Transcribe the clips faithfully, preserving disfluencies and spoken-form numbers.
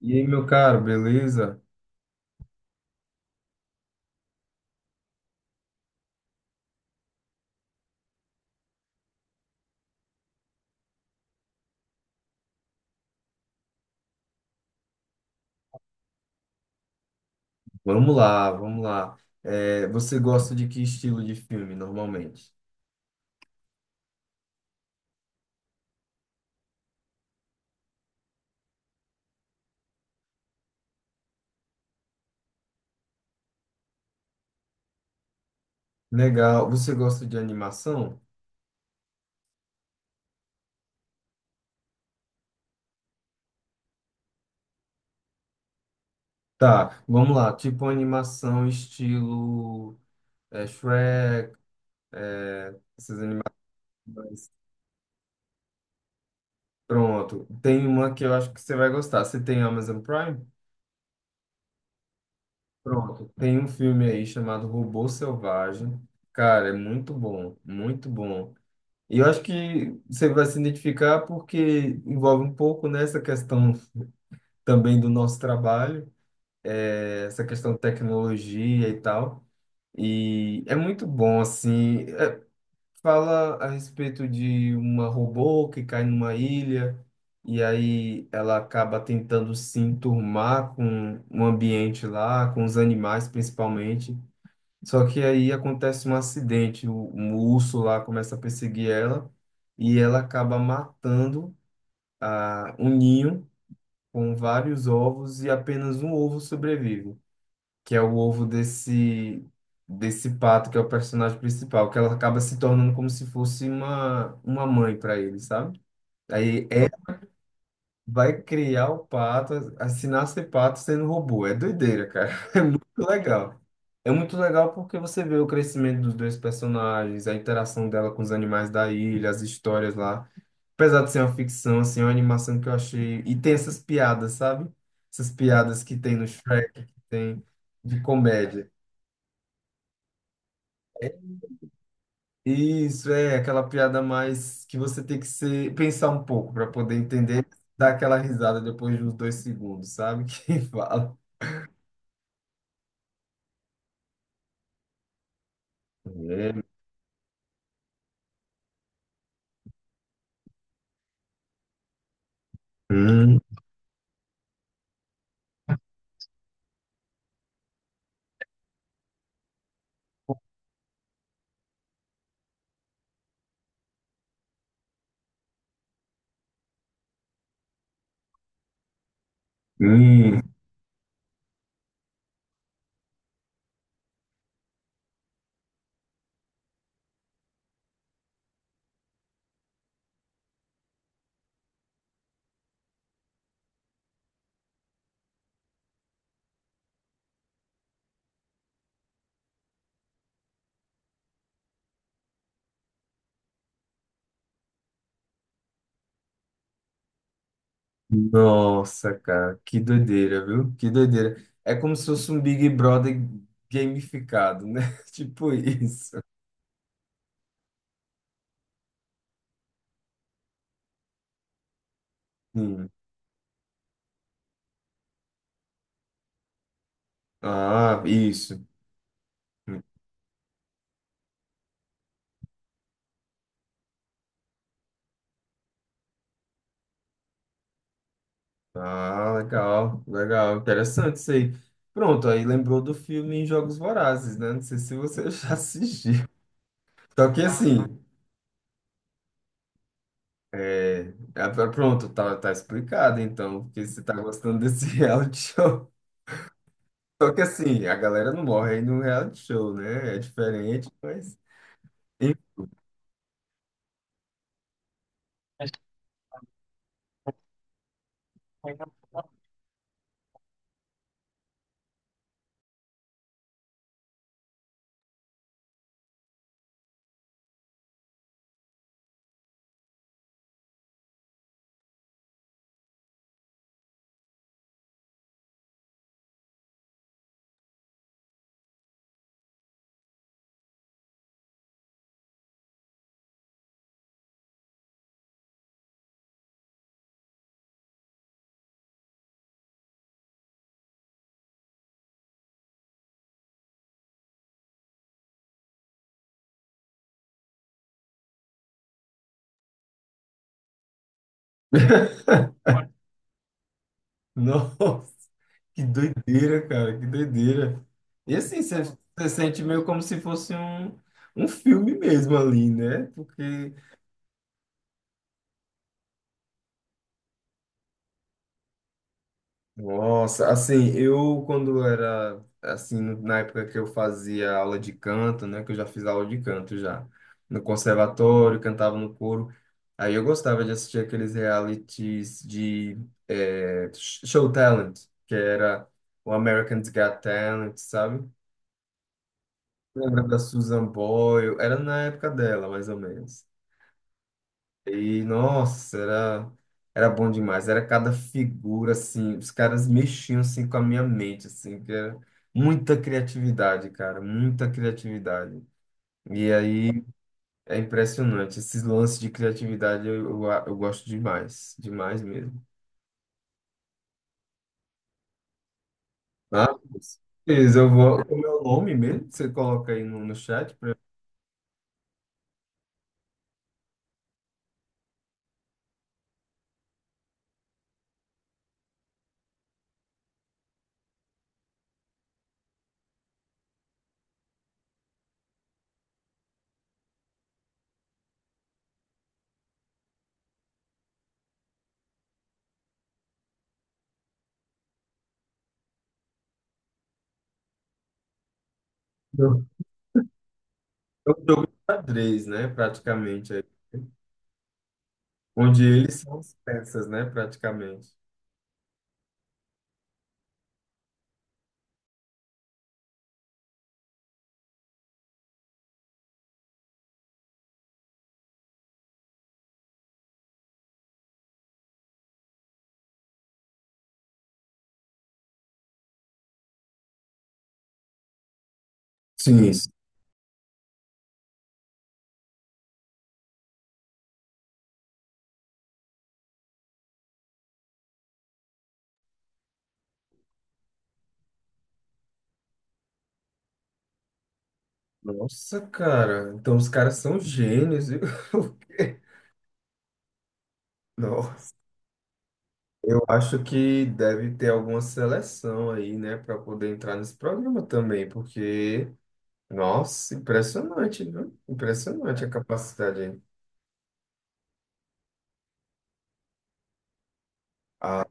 E aí, meu caro, beleza? Vamos lá, vamos lá. É, você gosta de que estilo de filme normalmente? Legal. Você gosta de animação? Tá, vamos lá. Tipo animação estilo é, Shrek, é, essas animações. Pronto. Tem uma que eu acho que você vai gostar. Você tem Amazon Prime? Pronto. Tem um filme aí chamado Robô Selvagem. Cara, é muito bom, muito bom. E eu acho que você vai se identificar porque envolve um pouco nessa questão também do nosso trabalho, eh, essa questão de tecnologia e tal. E é muito bom, assim. Eh, fala a respeito de uma robô que cai numa ilha e aí ela acaba tentando se enturmar com o ambiente lá, com os animais principalmente. Só que aí acontece um acidente, o, um urso lá começa a perseguir ela e ela acaba matando a, um ninho com vários ovos e apenas um ovo sobrevive, que é o ovo desse desse pato que é o personagem principal, que ela acaba se tornando como se fosse uma uma mãe para ele, sabe? Aí ela vai criar o pato, a- a- se nascer pato sendo robô, é doideira. Legal. É muito legal porque você vê o crescimento dos dois personagens, a interação dela com os animais da ilha, as histórias lá. Apesar de ser uma ficção, assim, é uma animação que eu achei. E tem essas piadas, sabe? Essas piadas que tem no Shrek, que tem de comédia. É. Isso é aquela piada mais que você tem que ser, pensar um pouco para poder entender, dar aquela risada depois de uns dois segundos, sabe? Quem fala. É. Hum, hum. Nossa, cara, que doideira, viu? Que doideira. É como se fosse um Big Brother gamificado, né? Tipo isso. Hum. Ah, isso. Ah, legal, legal. Interessante isso aí. Pronto, aí lembrou do filme Jogos Vorazes, né? Não sei se você já assistiu. Só que assim, é, é, pronto, tá, tá explicado então, porque você tá gostando desse reality show. Só que assim, a galera não morre aí no reality show, né? É diferente, mas. Enfim, nossa, que doideira, cara, que doideira. E assim, você você sente meio como se fosse um, um filme mesmo ali, né? Porque, nossa, assim, eu quando era, assim, na época que eu fazia aula de canto, né? Que eu já fiz aula de canto já, no conservatório, cantava no coro. Aí eu gostava de assistir aqueles realities de eh, Show Talent, que era o American's Got Talent, sabe? Lembra da Susan Boyle? Era na época dela, mais ou menos. E, nossa, era, era bom demais. Era cada figura, assim, os caras mexiam, assim, com a minha mente, assim, que era muita criatividade, cara, muita criatividade. E aí, é impressionante. Esses lances de criatividade eu, eu, eu gosto demais, demais mesmo. Ah, com certeza, eu vou... Como é o nome mesmo? Você coloca aí no, no chat pra... É um jogo de xadrez, né, praticamente. Aí. Onde eles são as peças, né, praticamente. Sim. Nossa, cara, então os caras são gênios, viu? O quê? Nossa, eu acho que deve ter alguma seleção aí, né, para poder entrar nesse programa também, porque, nossa, impressionante, viu? Impressionante a capacidade aí. Ah,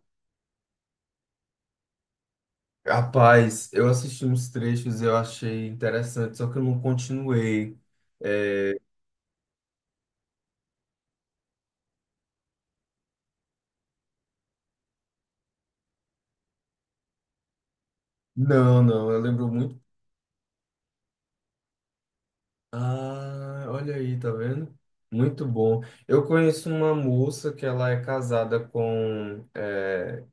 rapaz, eu assisti uns trechos, eu achei interessante, só que eu não continuei. É, não, não, eu lembro muito. Ah, olha aí, tá vendo? Muito bom. Eu conheço uma moça que ela é casada com, é,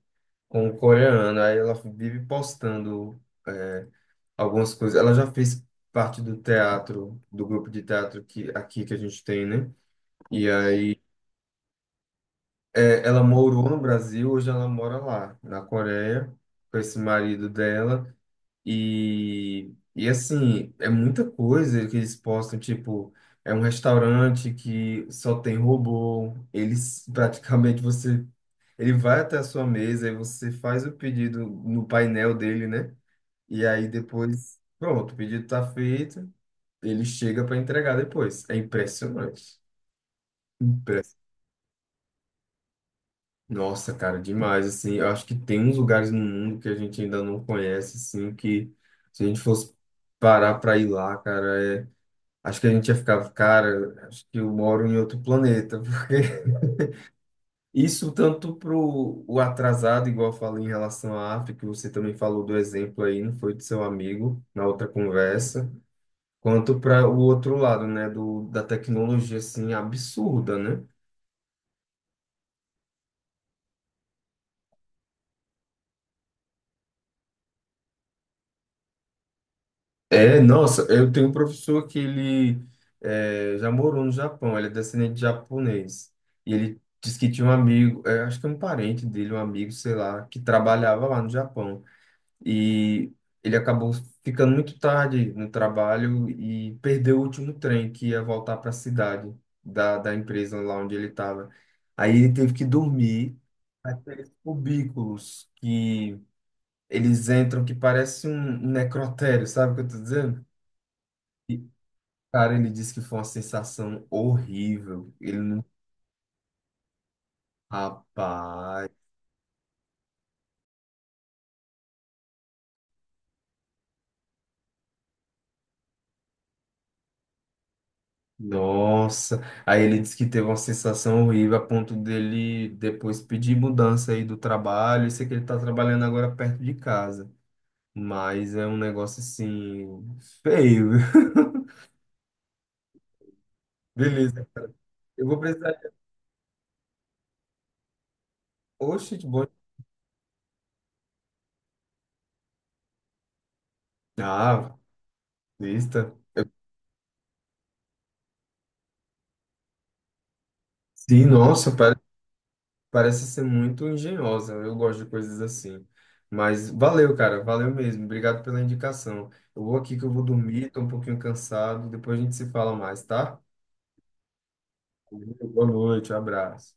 com um coreano, aí ela vive postando, é, algumas coisas. Ela já fez parte do teatro, do grupo de teatro que, aqui que a gente tem, né? E aí, é, ela morou no Brasil, hoje ela mora lá, na Coreia, com esse marido dela. E, e assim, é muita coisa que eles postam, tipo, é um restaurante que só tem robô, eles praticamente você, ele vai até a sua mesa e você faz o pedido no painel dele, né? E aí depois, pronto, o pedido tá feito, ele chega para entregar depois. É impressionante. Impress- Nossa, cara, demais, assim, eu acho que tem uns lugares no mundo que a gente ainda não conhece, assim, que se a gente fosse parar para ir lá, cara, é. Acho que a gente ia ficar, cara, acho que eu moro em outro planeta, porque isso tanto pro o atrasado, igual eu falei em relação à África, você também falou do exemplo aí, não foi do seu amigo, na outra conversa, quanto para o outro lado, né, do, da tecnologia, assim, absurda, né? É, nossa, eu tenho um professor que ele é, já morou no Japão, ele é descendente de japonês, e ele disse que tinha um amigo, é, acho que é um parente dele, um amigo, sei lá, que trabalhava lá no Japão. E ele acabou ficando muito tarde no trabalho e perdeu o último trem que ia voltar para a cidade da, da empresa lá onde ele estava. Aí ele teve que dormir naqueles cubículos que eles entram que parece um um necrotério, sabe o que eu tô dizendo? E, cara, ele disse que foi uma sensação horrível. Ele não. Rapaz. Nossa, aí ele disse que teve uma sensação horrível a ponto dele depois pedir mudança aí do trabalho. Eu sei que ele tá trabalhando agora perto de casa, mas é um negócio assim feio. Viu? Beleza, cara. Eu vou precisar. Oxe, de bom. Ah, lista. Sim, nossa, pare- parece ser muito engenhosa. Eu gosto de coisas assim. Mas valeu, cara, valeu mesmo. Obrigado pela indicação. Eu vou aqui que eu vou dormir, tô um pouquinho cansado. Depois a gente se fala mais, tá? Boa noite, um abraço.